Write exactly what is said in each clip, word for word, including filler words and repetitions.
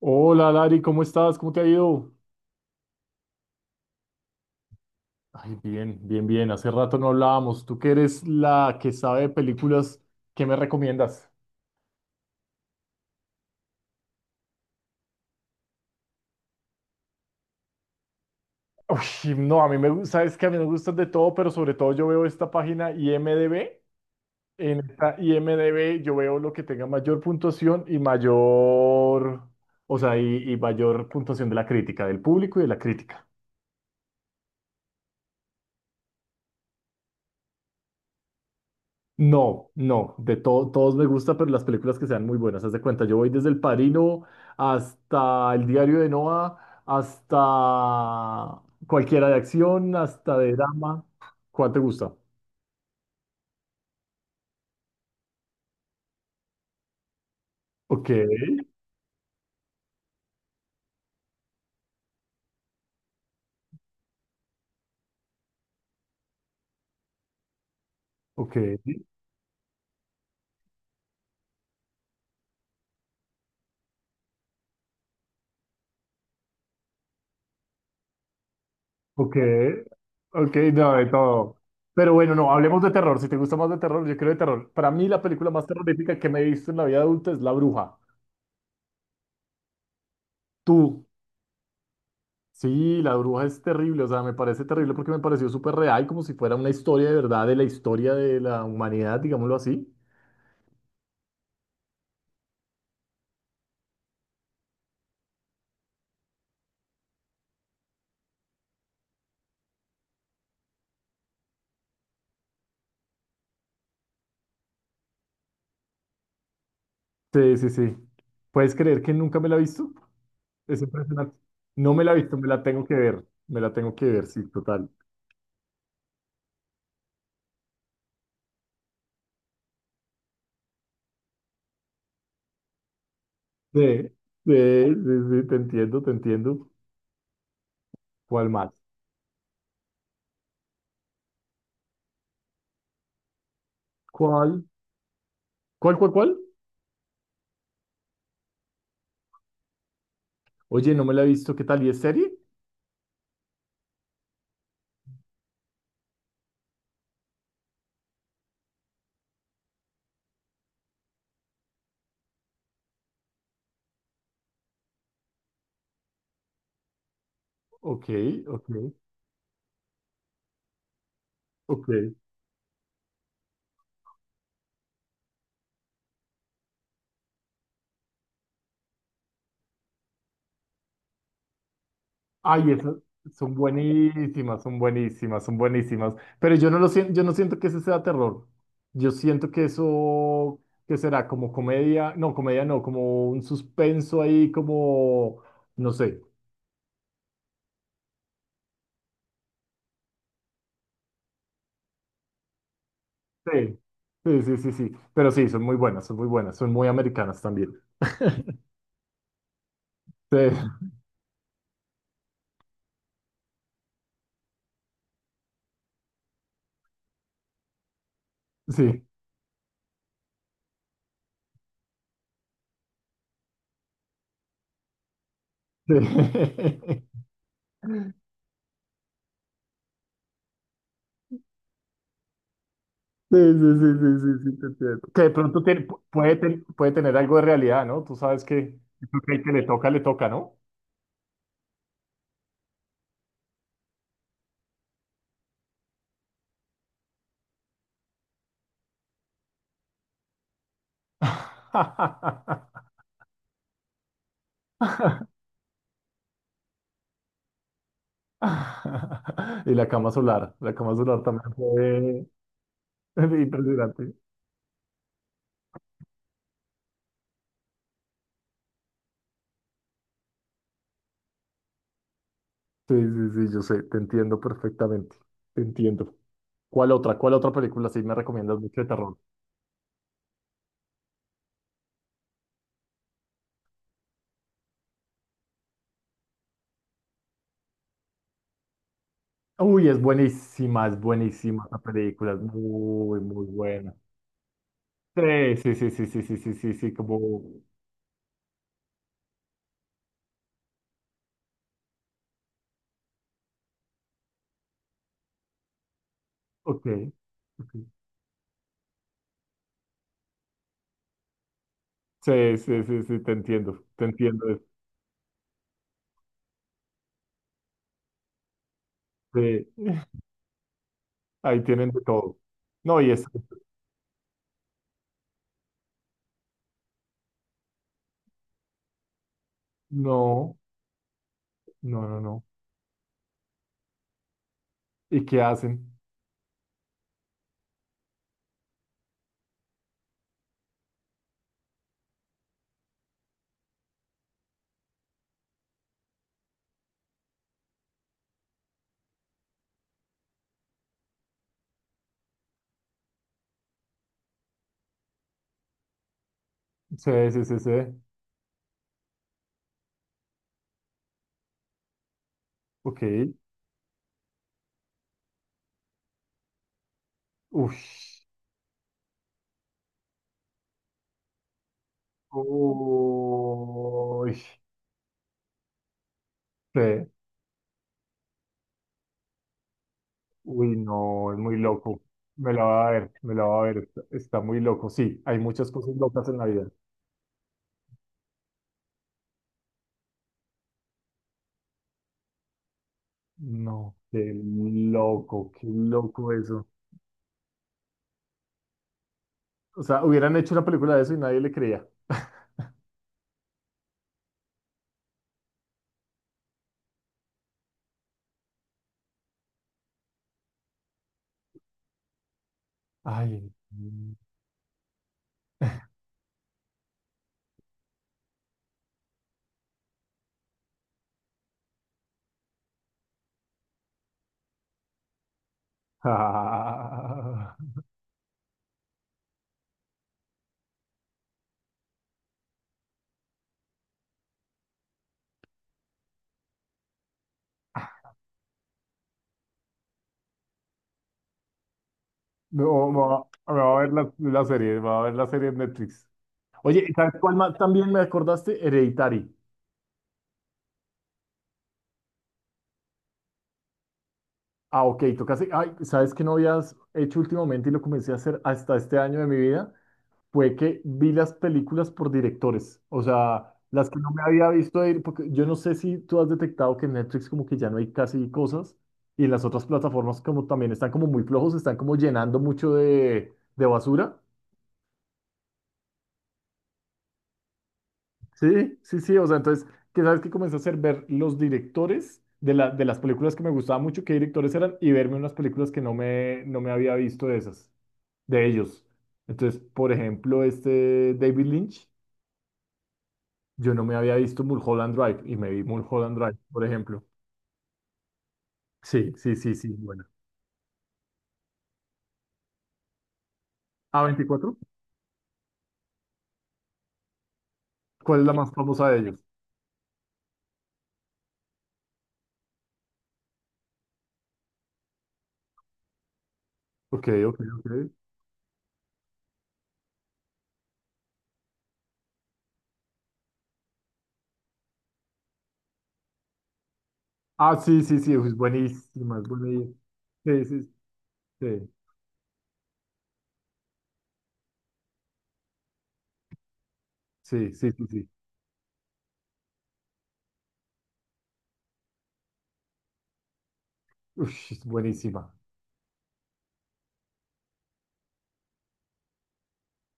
Hola Lari, ¿cómo estás? ¿Cómo te ha ido? Ay, bien, bien, bien. Hace rato no hablábamos. Tú que eres la que sabe de películas, ¿qué me recomiendas? Uy, no, a mí me gusta, es que a mí me gustan de todo, pero sobre todo yo veo esta página I M D b. En esta I M D b yo veo lo que tenga mayor puntuación y mayor, o sea, y, y mayor puntuación de la crítica, del público y de la crítica. No, no, de todo, todos me gusta, pero las películas que sean muy buenas, haz de cuenta, yo voy desde El Padrino hasta El Diario de Noah, hasta cualquiera de acción, hasta de drama. ¿Cuál te gusta? Ok, ok, ok, ok, no, de todo. Pero bueno, no, hablemos de terror. Si te gusta más de terror, yo creo de terror. Para mí la película más terrorífica que me he visto en la vida adulta es La Bruja. ¿Tú Sí, la bruja es terrible, o sea, me parece terrible porque me pareció súper real, como si fuera una historia de verdad de la historia de la humanidad, digámoslo así. Sí, sí, sí. ¿Puedes creer que nunca me la he visto? Es impresionante. No me la he visto, me la tengo que ver, me la tengo que ver, sí, total. Sí, sí, sí, sí, te entiendo, te entiendo. ¿Cuál más? ¿Cuál? ¿Cuál, cuál, cuál? Oye, no me la he visto, ¿qué tal? ¿Y es serie? Ok, ok, ok. Ay, esas son buenísimas, son buenísimas, son buenísimas. Pero yo no lo siento, yo no siento que ese sea terror. Yo siento que eso, que será como comedia, no, comedia no, como un suspenso ahí, como, no sé. Sí, sí, sí, sí, sí. Pero sí, son muy buenas, son muy buenas, son muy americanas también. Sí, sí, sí. Sí, sí, sí, sí, sí, sí, te entiendo. Que de pronto tiene- pu- puede, ten- puede tener algo de realidad, ¿no? Tú sabes que, que el que le toca, le toca, ¿no? Y la cama solar, la cama solar también fue impresionante. Sí, sí, sí, yo sé, te entiendo perfectamente, te entiendo. ¿Cuál otra? ¿Cuál otra película sí me recomiendas mucho de terror? Uy, es buenísima, es buenísima esa película, es muy, muy buena. Sí, sí, sí, sí, sí, sí, sí, sí, sí, como, ok, ok. Sí, sí, sí, sí, te entiendo, te entiendo. Sí, ahí tienen de todo. No, y es, no, no, no, no. ¿Y qué hacen? Sí, sí, sí, sí. Ok. Uy. Uy. Sí. Uy, no, es muy loco. Me la va a ver, me la va a ver. Está, está muy loco. Sí, hay muchas cosas locas en la vida. No, qué loco, qué loco eso. O sea, hubieran hecho una película de eso y nadie le creía. Ay. Ah, no, me va, me va a ver la, la serie, me va a ver la serie en Netflix. Oye, ¿sabes cuál más? También me acordaste, Hereditary. Ah, ok, tocaste. Ay, ¿sabes qué no habías hecho últimamente y lo comencé a hacer hasta este año de mi vida? Fue que vi las películas por directores. O sea, las que no me había visto ir, porque yo no sé si tú has detectado que en Netflix como que ya no hay casi cosas y en las otras plataformas como también están como muy flojos, están como llenando mucho de, de basura. Sí, sí, sí. O sea, entonces, ¿qué sabes que comencé a hacer? Ver los directores de, la, de las películas que me gustaban mucho, qué directores eran y verme unas películas que no me, no me había visto de esas. De ellos. Entonces, por ejemplo, este David Lynch, yo no me había visto Mulholland Drive y me vi Mulholland Drive, por ejemplo. Sí, sí, sí, sí, bueno. ¿A veinticuatro? ¿Cuál es la más famosa de ellos? Ok, ok, ok. Ah, sí, sí, sí, es buenísima, es buenísima. Sí, sí, sí, sí, sí, sí, sí. Ush, es buenísima.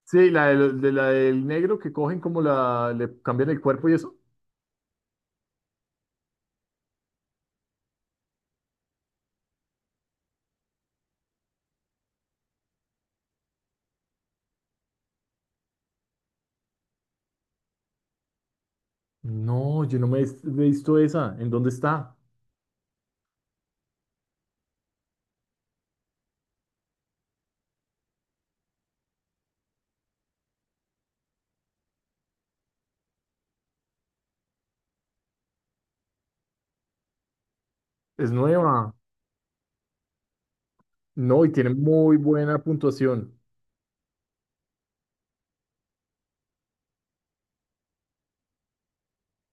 Sí, la del, de la del negro que cogen como la, le cambian el cuerpo y eso. No, yo no me he visto esa. ¿En dónde está? Es nueva. No, y tiene muy buena puntuación.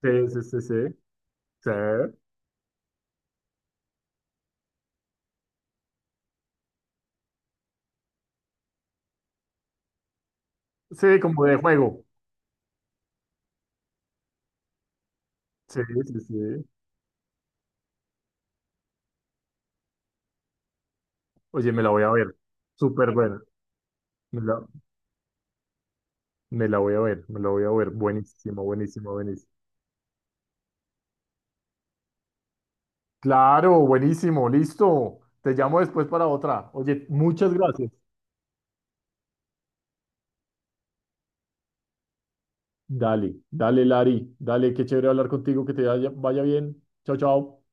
Sí, sí, sí, sí. Sí, sí, como de juego. Sí, sí, sí. Oye, me la voy a ver. Súper buena. Me la, me la voy a ver, me la voy a ver. Buenísimo, buenísimo, buenísimo. Claro, buenísimo, listo. Te llamo después para otra. Oye, muchas gracias. Dale, dale, Lari. Dale, qué chévere hablar contigo, que te vaya, vaya bien. Chao, chao.